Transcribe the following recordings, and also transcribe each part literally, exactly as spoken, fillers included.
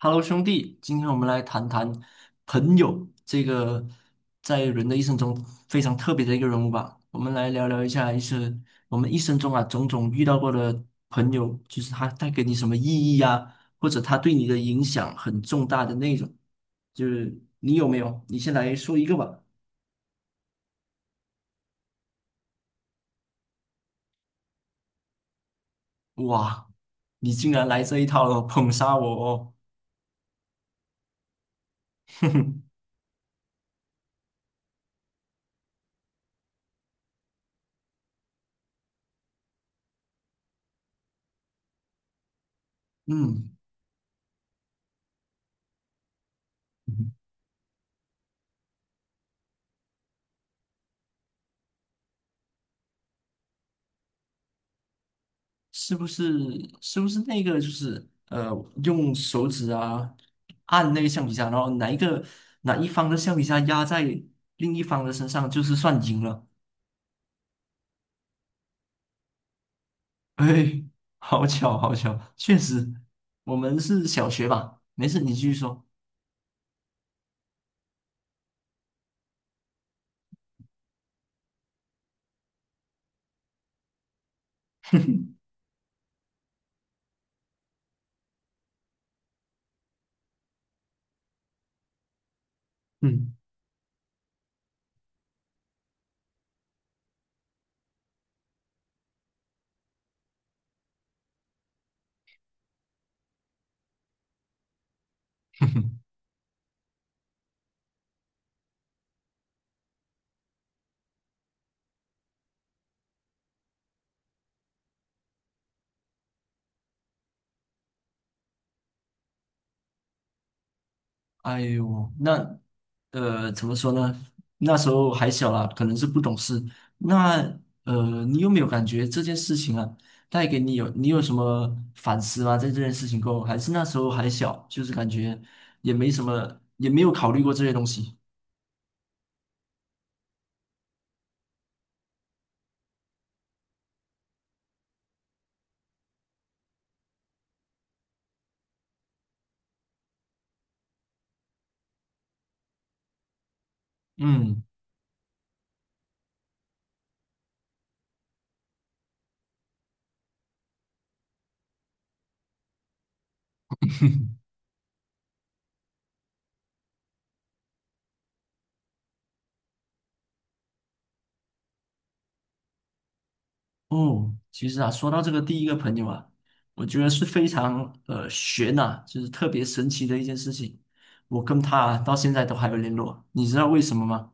Hello，兄弟，今天我们来谈谈朋友这个在人的一生中非常特别的一个人物吧。我们来聊聊一下，一生我们一生中啊种种遇到过的朋友，就是他带给你什么意义啊，或者他对你的影响很重大的那种。就是你有没有？你先来说一个吧。哇，你竟然来这一套了，捧杀我哦！哼哼，嗯。是不是是不是那个就是呃，用手指啊按那个橡皮擦，然后哪一个哪一方的橡皮擦压在另一方的身上，就是算赢了。哎，好巧，好巧，确实，我们是小学吧？没事，你继续说。嗯，哎呦，那呃，怎么说呢？那时候还小啦，可能是不懂事。那呃，你有没有感觉这件事情啊，带给你有你有什么反思吗？在这件事情过后，还是那时候还小，就是感觉也没什么，也没有考虑过这些东西。嗯，哦，其实啊，说到这个第一个朋友啊，我觉得是非常呃悬呐、就是特别神奇的一件事情。我跟他啊到现在都还有联络，你知道为什么吗？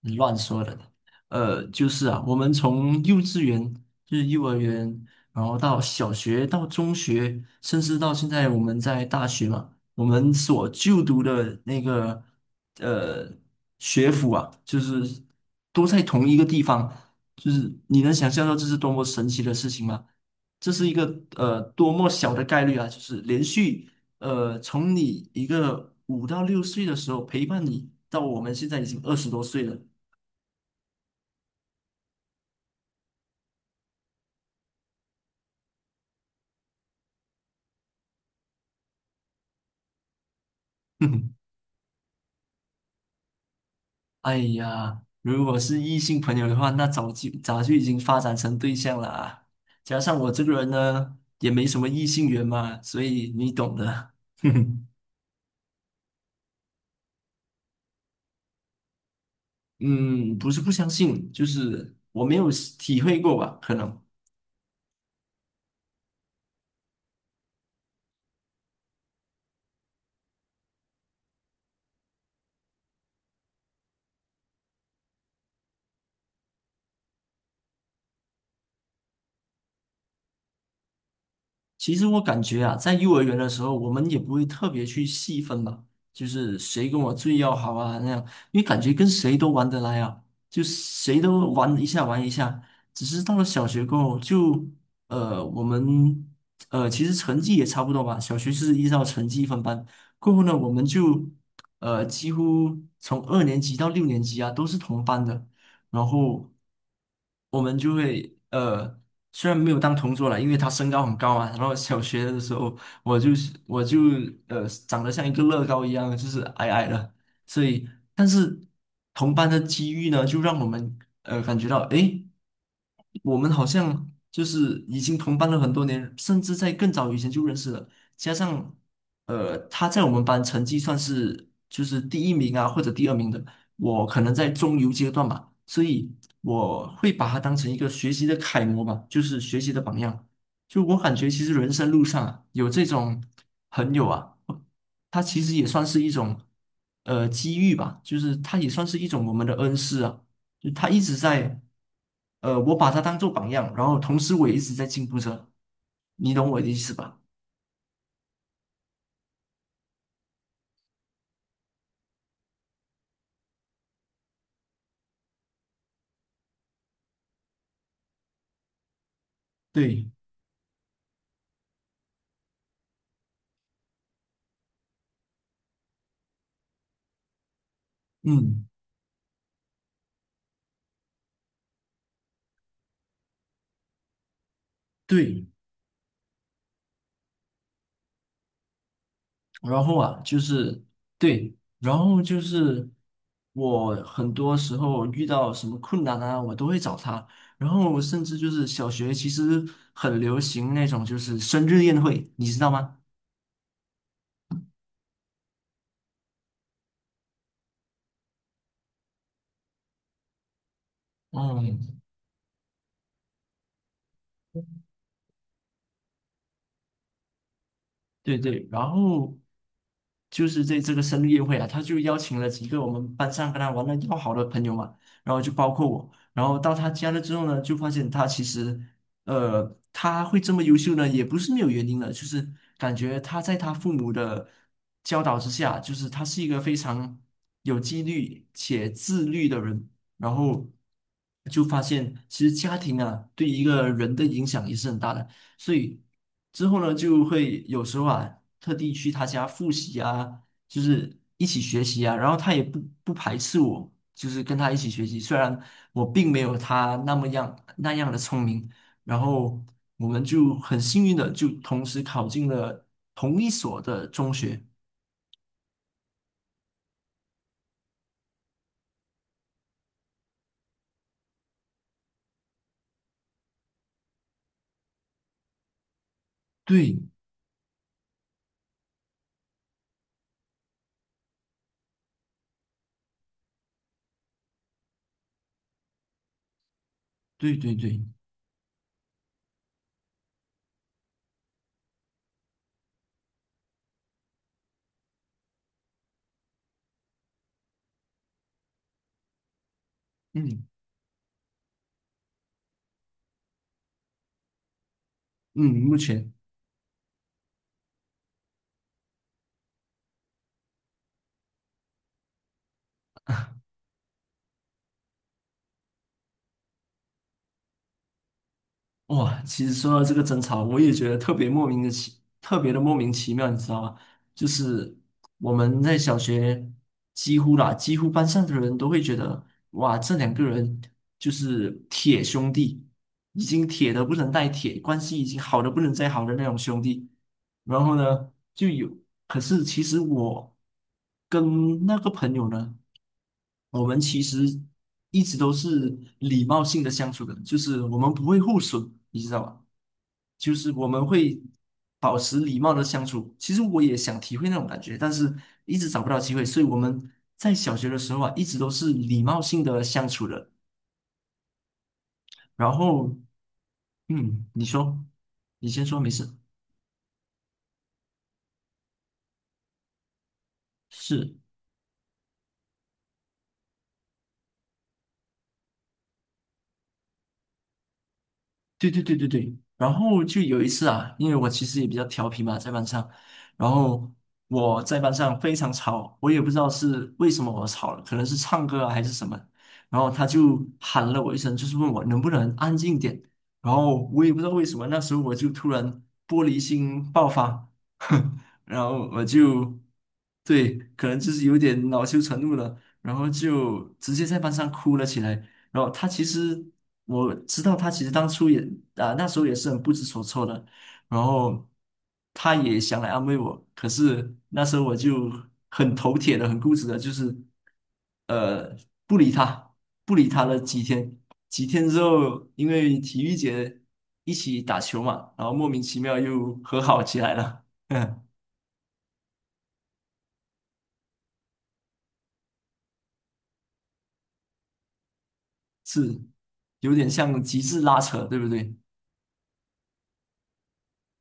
你乱说的。呃，就是啊，我们从幼稚园，就是幼儿园，然后到小学，到中学，甚至到现在我们在大学嘛，我们所就读的那个呃学府啊，就是都在同一个地方，就是你能想象到这是多么神奇的事情吗？这是一个呃多么小的概率啊！就是连续呃从你一个五到六岁的时候陪伴你，到我们现在已经二十多岁了。哼，哎呀，如果是异性朋友的话，那早就早就已经发展成对象了啊。加上我这个人呢，也没什么异性缘嘛，所以你懂的。哼哼，嗯，不是不相信，就是我没有体会过吧，可能。其实我感觉啊，在幼儿园的时候，我们也不会特别去细分嘛，就是谁跟我最要好啊那样，因为感觉跟谁都玩得来啊，就谁都玩一下玩一下。只是到了小学过后，就呃我们呃其实成绩也差不多吧，小学是依照成绩分班，过后呢我们就呃几乎从二年级到六年级啊都是同班的，然后我们就会呃，虽然没有当同桌了，因为他身高很高嘛，然后小学的时候我就是我就呃长得像一个乐高一样，就是矮矮的，所以但是同班的机遇呢，就让我们呃感觉到诶。我们好像就是已经同班了很多年，甚至在更早以前就认识了。加上，呃，他在我们班成绩算是就是第一名啊，或者第二名的。我可能在中游阶段吧，所以我会把他当成一个学习的楷模吧，就是学习的榜样。就我感觉，其实人生路上啊，有这种朋友啊，他其实也算是一种呃机遇吧，就是他也算是一种我们的恩师啊。就他一直在，呃，我把他当做榜样，然后同时我也一直在进步着，你懂我的意思吧？对，嗯，对，然后啊，就是对，然后就是我很多时候遇到什么困难啊，我都会找他，然后甚至就是小学其实很流行那种就是生日宴会，你知道吗？嗯。对对，然后就是在这个生日宴会啊，他就邀请了几个我们班上跟他玩的要好的朋友嘛，然后就包括我，然后到他家了之后呢，就发现他其实，呃，他会这么优秀呢，也不是没有原因的，就是感觉他在他父母的教导之下，就是他是一个非常有纪律且自律的人，然后就发现其实家庭啊，对一个人的影响也是很大的。所以之后呢，就会有时候啊，特地去他家复习啊，就是一起学习啊，然后他也不不排斥我，就是跟他一起学习，虽然我并没有他那么样那样的聪明，然后我们就很幸运的就同时考进了同一所的中学，对对对对，嗯嗯，目前。哇，其实说到这个争吵，我也觉得特别莫名的奇，特别的莫名其妙，你知道吗？就是我们在小学几乎啦，几乎班上的人都会觉得，哇，这两个人就是铁兄弟，已经铁的不能再铁，关系已经好的不能再好的那种兄弟。然后呢，就有，可是其实我跟那个朋友呢。我们其实一直都是礼貌性的相处的，就是我们不会互损，你知道吧？就是我们会保持礼貌的相处。其实我也想体会那种感觉，但是一直找不到机会，所以我们在小学的时候啊，一直都是礼貌性的相处的。然后，嗯，你说，你先说，没事，是。对对对对对，然后就有一次啊，因为我其实也比较调皮嘛，在班上，然后我在班上非常吵，我也不知道是为什么我吵了，可能是唱歌啊还是什么，然后他就喊了我一声，就是问我能不能安静点，然后我也不知道为什么，那时候我就突然玻璃心爆发，然后我就对，可能就是有点恼羞成怒了，然后就直接在班上哭了起来。然后他其实我知道，他其实当初也啊、那时候也是很不知所措的，然后他也想来安慰我，可是那时候我就很头铁的、很固执的，就是呃不理他，不理他了几天，几天之后，因为体育节一起打球嘛，然后莫名其妙又和好起来了，嗯，是有点像极致拉扯，对不对？